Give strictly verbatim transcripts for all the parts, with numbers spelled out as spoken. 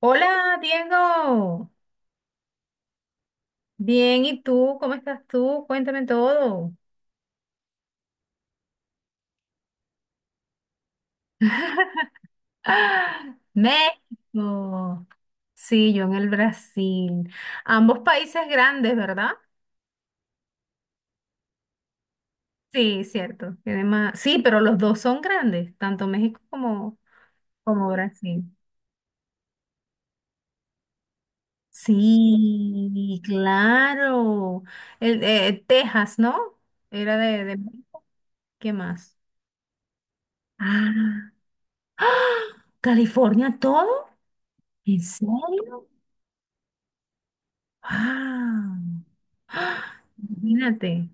Hola, Diego. Bien, ¿y tú? ¿Cómo estás tú? Cuéntame todo. ¡Ah! México. Sí, yo en el Brasil. Ambos países grandes, ¿verdad? Sí, cierto. Tiene más- Sí, pero los dos son grandes, tanto México como, como Brasil. Sí, claro. El, eh, Texas, ¿no? Era de, de... ¿Qué más? Ah, ¡ah! ¿California todo? ¿En serio? Ah, ¡ah!, imagínate.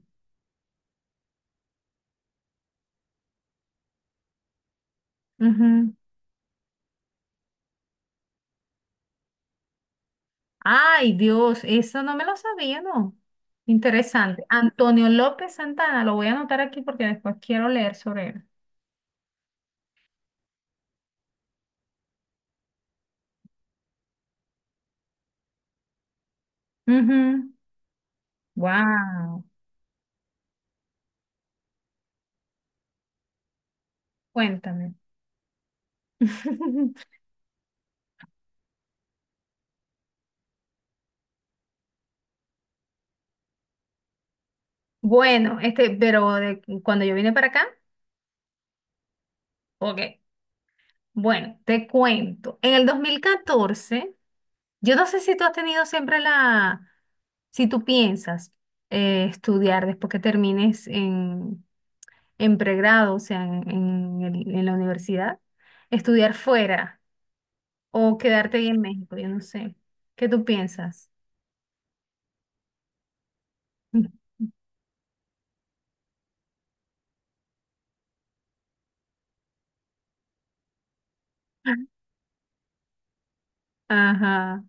Ujú. Ay, Dios, eso no me lo sabía, ¿no? Interesante. Antonio López Santana, lo voy a anotar aquí porque después quiero leer sobre él. Ujú. Wow, cuéntame. Bueno, este, pero de- cuando yo vine para acá, ok, bueno, te cuento. En el dos mil catorce, yo no sé si tú has tenido siempre la, si tú piensas eh, estudiar después que termines en, en pregrado, o sea, en, en el- en la universidad, estudiar fuera o quedarte ahí en México, yo no sé. ¿Qué tú piensas? Ajá.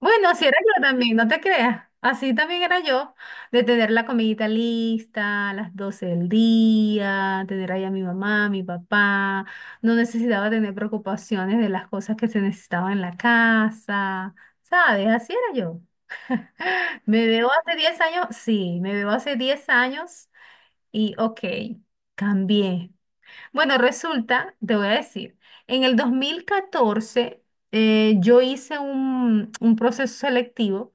Bueno, así era yo también, no te creas. Así también era yo, de tener la comidita lista a las doce del día, tener ahí a mi mamá, mi papá. No necesitaba tener preocupaciones de las cosas que se necesitaban en la casa, ¿sabes? Así era. Me veo hace diez años, sí, me veo hace diez años y ok, cambié. Bueno, resulta, te voy a decir, en el dos mil catorce eh, yo hice un, un proceso selectivo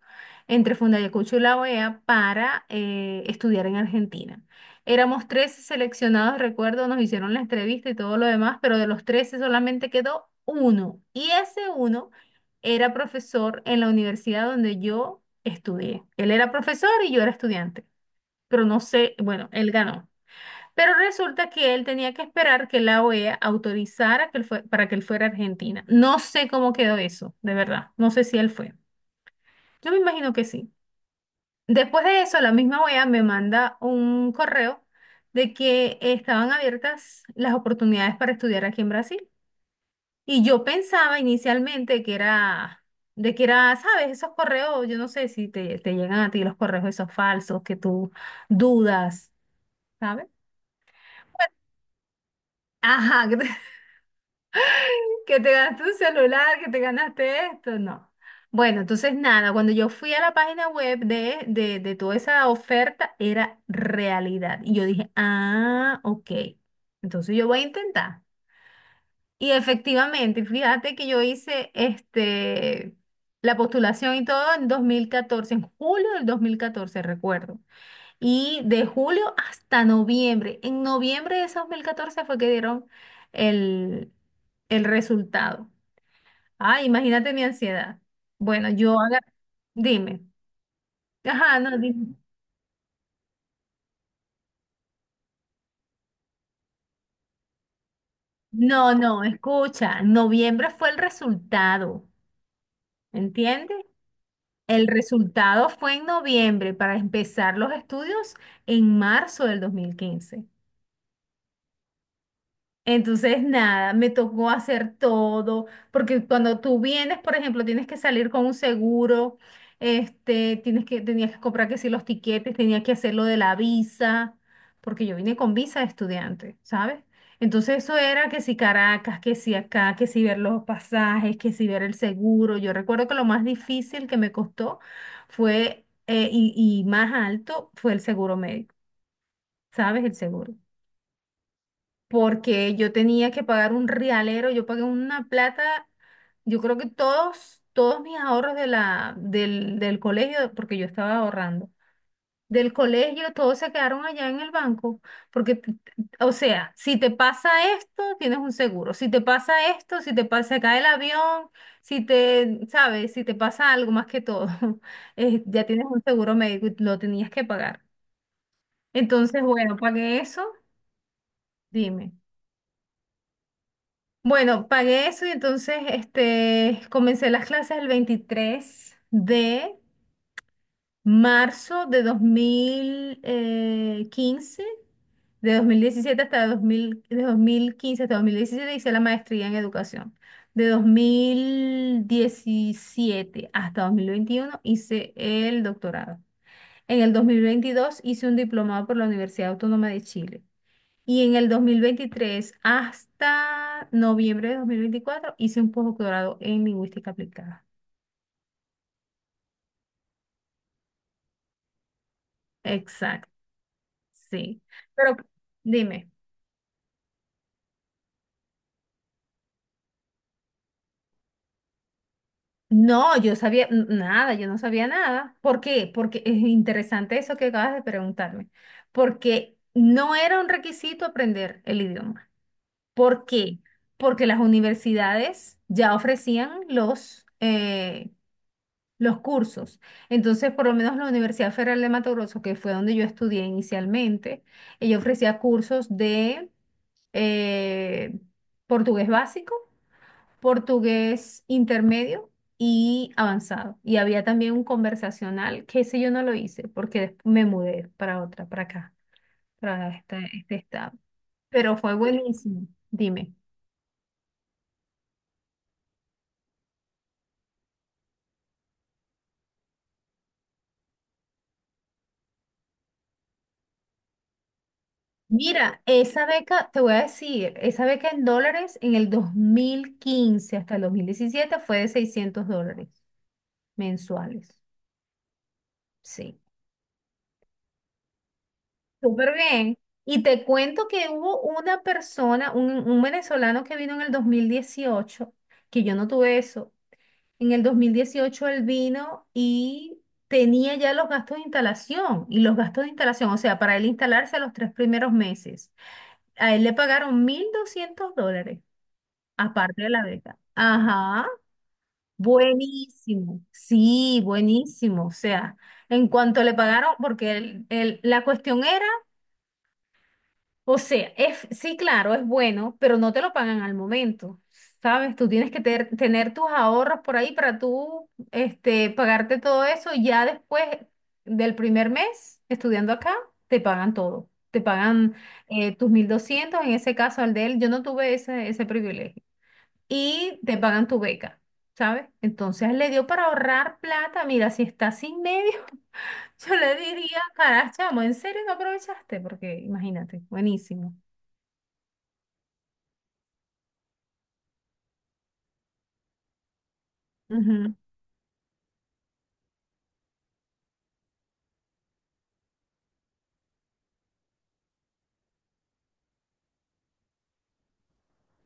entre Fundayacucho y la O E A para eh, estudiar en Argentina. Éramos trece seleccionados, recuerdo, nos hicieron la entrevista y todo lo demás, pero de los trece solamente quedó uno. Y ese uno era profesor en la universidad donde yo estudié. Él era profesor y yo era estudiante, pero no sé, bueno, él ganó. Pero resulta que él tenía que esperar que la O E A autorizara que él fue- para que él fuera a Argentina. No sé cómo quedó eso, de verdad. No sé si él fue. Yo me imagino que sí. Después de eso, la misma O E A me manda un correo de que estaban abiertas las oportunidades para estudiar aquí en Brasil. Y yo pensaba inicialmente que era, de que era, ¿sabes? Esos correos, yo no sé si te, te llegan a ti los correos esos falsos que tú dudas, ¿sabes? Ajá. Que te ganaste un celular, que te ganaste esto, no. Bueno, entonces nada, cuando yo fui a la página web de, de, de toda esa oferta, era realidad. Y yo dije, ah, ok, entonces yo voy a intentar. Y efectivamente, fíjate que yo hice este, la postulación y todo en dos mil catorce, en julio del dos mil catorce recuerdo. Y de julio hasta noviembre. En noviembre de ese dos mil catorce fue que dieron el, el resultado. Ah, imagínate mi ansiedad. Bueno, yo haga, dime. Ajá, no, dime. No, no, escucha, noviembre fue el resultado, ¿entiendes? El resultado fue en noviembre para empezar los estudios en marzo del dos mil quince. Entonces, nada, me tocó hacer todo, porque cuando tú vienes, por ejemplo, tienes que salir con un seguro, este, tienes que, tenías que comprar que sí los tiquetes, tenías que hacer lo de la visa, porque yo vine con visa de estudiante, ¿sabes? Entonces eso era que si Caracas, que si acá, que si ver los pasajes, que si ver el seguro. Yo recuerdo que lo más difícil que me costó fue, eh, y, y más alto, fue el seguro médico, ¿sabes? El seguro porque yo tenía que pagar un realero, yo pagué una plata, yo creo que todos, todos mis ahorros de la, del, del colegio, porque yo estaba ahorrando, del colegio, todos se quedaron allá en el banco, porque, t- t- o sea, si te pasa esto, tienes un seguro, si te pasa esto, si te pasa, se cae el avión, si te, sabes, si te pasa algo más que todo, eh, ya tienes un seguro médico y lo tenías que pagar. Entonces, bueno, pagué eso, dime. Bueno, pagué eso y entonces este, comencé las clases el veintitrés de marzo de dos mil quince, de dos mil diecisiete hasta dos mil, de dos mil quince hasta dos mil diecisiete hice la maestría en educación. De dos mil diecisiete hasta dos mil veintiuno hice el doctorado. En el dos mil veintidós hice un diplomado por la Universidad Autónoma de Chile. Y en el dos mil veintitrés hasta noviembre de dos mil veinticuatro hice un posgrado en lingüística aplicada. Exacto, sí. Pero dime, no, yo sabía n- nada, yo no sabía nada. ¿Por qué? Porque es interesante eso que acabas de preguntarme. Porque no era un requisito aprender el idioma. ¿Por qué? Porque las universidades ya ofrecían los, eh, los cursos. Entonces, por lo menos la Universidad Federal de Mato Grosso, que fue donde yo estudié inicialmente, ella ofrecía cursos de eh, portugués básico, portugués intermedio y avanzado. Y había también un conversacional, que ese yo no lo hice porque des- me mudé para otra, para acá, para este, este estado. Pero fue buenísimo. Dime. Mira, esa beca, te voy a decir, esa beca en dólares en el dos mil quince hasta el dos mil diecisiete fue de seiscientos dólares mensuales. Sí, súper bien. Y te cuento que hubo una persona, un, un venezolano que vino en el dos mil dieciocho que yo no tuve eso. En el dos mil dieciocho él vino y tenía ya los gastos de instalación y los gastos de instalación, o sea, para él instalarse los tres primeros meses. A él le pagaron mil doscientos dólares. Aparte de la beca. Ajá, buenísimo. Sí, buenísimo. O sea, en cuanto le pagaron, porque el- el- la cuestión era, o sea, es, sí, claro, es bueno, pero no te lo pagan al momento. ¿Sabes? Tú tienes que ter- tener tus ahorros por ahí para tú, este, pagarte todo eso y ya después del primer mes estudiando acá, te pagan todo. Te pagan eh, tus mil doscientos en ese caso al de él. Yo no tuve ese, ese privilegio y te pagan tu beca, ¿sabes? Entonces le dio para ahorrar plata, mira, si está sin medio. Yo le diría, caray, chamo, ¿en serio no aprovechaste? Porque imagínate, buenísimo.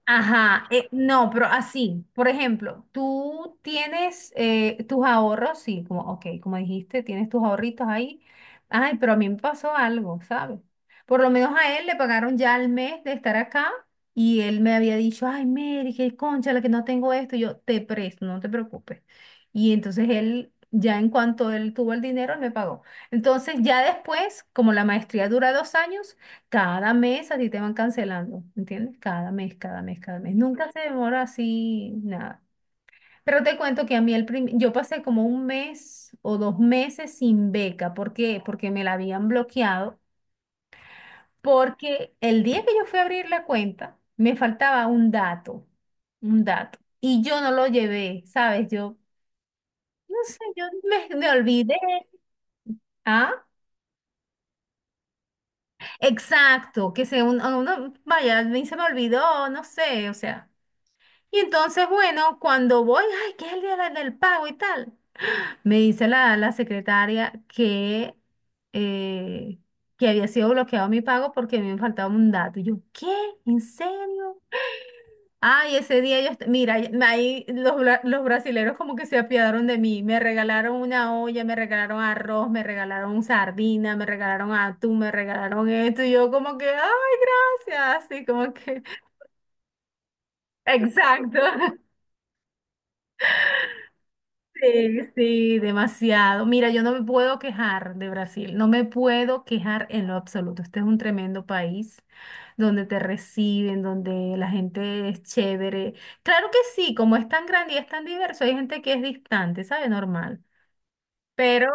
Ajá, eh, no, pero así, por ejemplo, tú tienes eh, tus ahorros, sí, como, ok, como dijiste, tienes tus ahorritos ahí. Ay, pero a mí me pasó algo, ¿sabes? Por lo menos a él le pagaron ya el mes de estar acá y él me había dicho, ay, Mary, qué concha, la que no tengo esto, y yo te presto, no te preocupes. Y entonces él, ya en cuanto él tuvo el dinero, él me pagó. Entonces, ya después, como la maestría dura dos años, cada mes a ti te van cancelando, ¿entiendes? Cada mes, cada mes, cada mes. Nunca se demora así, nada. Pero te cuento que a mí el prim- yo pasé como un mes o dos meses sin beca. ¿Por qué? Porque me la habían bloqueado. Porque el día que yo fui a abrir la cuenta, me faltaba un dato, un dato. Y yo no lo llevé, ¿sabes? Yo, no sé, yo me, me olvidé. ¿Ah? Exacto, que se un- uno, vaya, a mí se me olvidó, no sé, o sea. Y entonces, bueno, cuando voy, ay, que es el día de- del pago y tal, me dice la, la secretaria que, eh, que había sido bloqueado mi pago porque me faltaba un dato. Y yo, ¿qué? ¿En serio? Ay, ese día yo, est- mira, y- ahí los, bra- los brasileros como que se apiadaron de mí, me regalaron una olla, me regalaron arroz, me regalaron sardina, me regalaron atún, me regalaron esto, y yo como que, ay, gracias, así como que, exacto. Sí, sí, demasiado. Mira, yo no me puedo quejar de Brasil, no me puedo quejar en lo absoluto. Este es un tremendo país donde te reciben, donde la gente es chévere. Claro que sí, como es tan grande y es tan diverso, hay gente que es distante, ¿sabe? Normal. Pero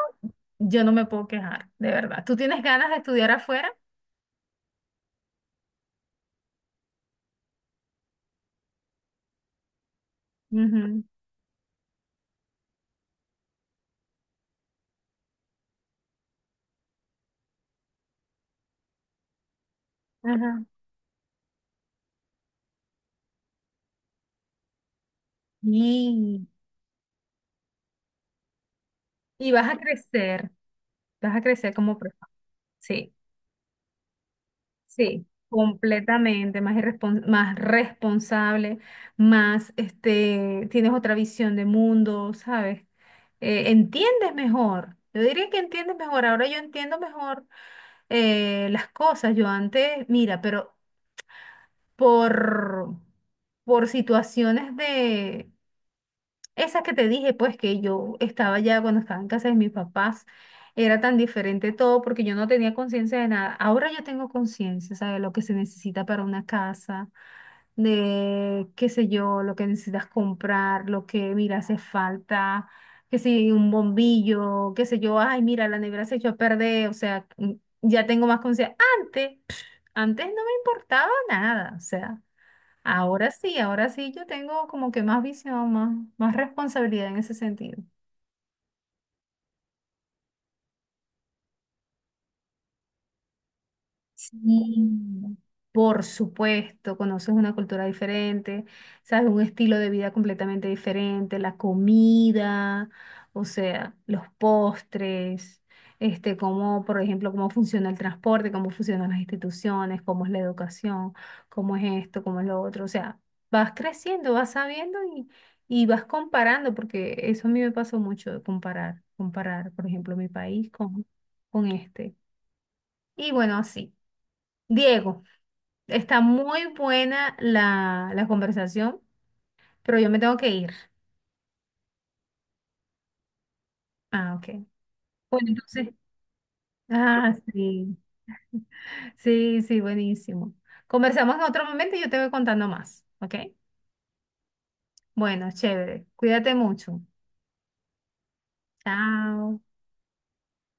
yo no me puedo quejar, de verdad. ¿Tú tienes ganas de estudiar afuera? Ujú, ajá. Y, y vas a crecer, vas a crecer como persona. Sí. Sí, completamente, más irrespon- más responsable, más este, tienes otra visión de mundo, ¿sabes? Eh, entiendes mejor. Yo diría que entiendes mejor. Ahora yo entiendo mejor, eh, las cosas. Yo antes, mira, pero por, por situaciones esa que te dije, pues que yo estaba ya cuando estaba en casa de mis papás, era tan diferente todo porque yo no tenía conciencia de nada. Ahora yo tengo conciencia, ¿sabes? Lo que se necesita para una casa, de qué sé yo, lo que necesitas comprar, lo que, mira, hace falta, que si un bombillo, qué sé yo, ay, mira, la nevera se echó a perder, o sea, mm, ya tengo más conciencia. Antes, antes no me importaba nada, o sea. Ahora sí, ahora sí yo tengo como que más visión, más, más responsabilidad en ese sentido. Sí, por supuesto, conoces una cultura diferente, sabes, un estilo de vida completamente diferente, la comida, o sea, los postres, este, cómo, por ejemplo, cómo funciona el transporte, cómo funcionan las instituciones, cómo es la educación, cómo es esto, cómo es lo otro, o sea, vas creciendo, vas sabiendo y, y vas comparando, porque eso a mí me pasó mucho de comparar, comparar, por ejemplo, mi país con, con este. Y bueno, así. Diego. Está muy buena la, la conversación, pero yo me tengo que ir. Ah, ok. Bueno, entonces, ah, sí, sí, sí, buenísimo. Conversamos en otro momento y yo te voy contando más, ¿ok? Bueno, chévere. Cuídate mucho. Chao.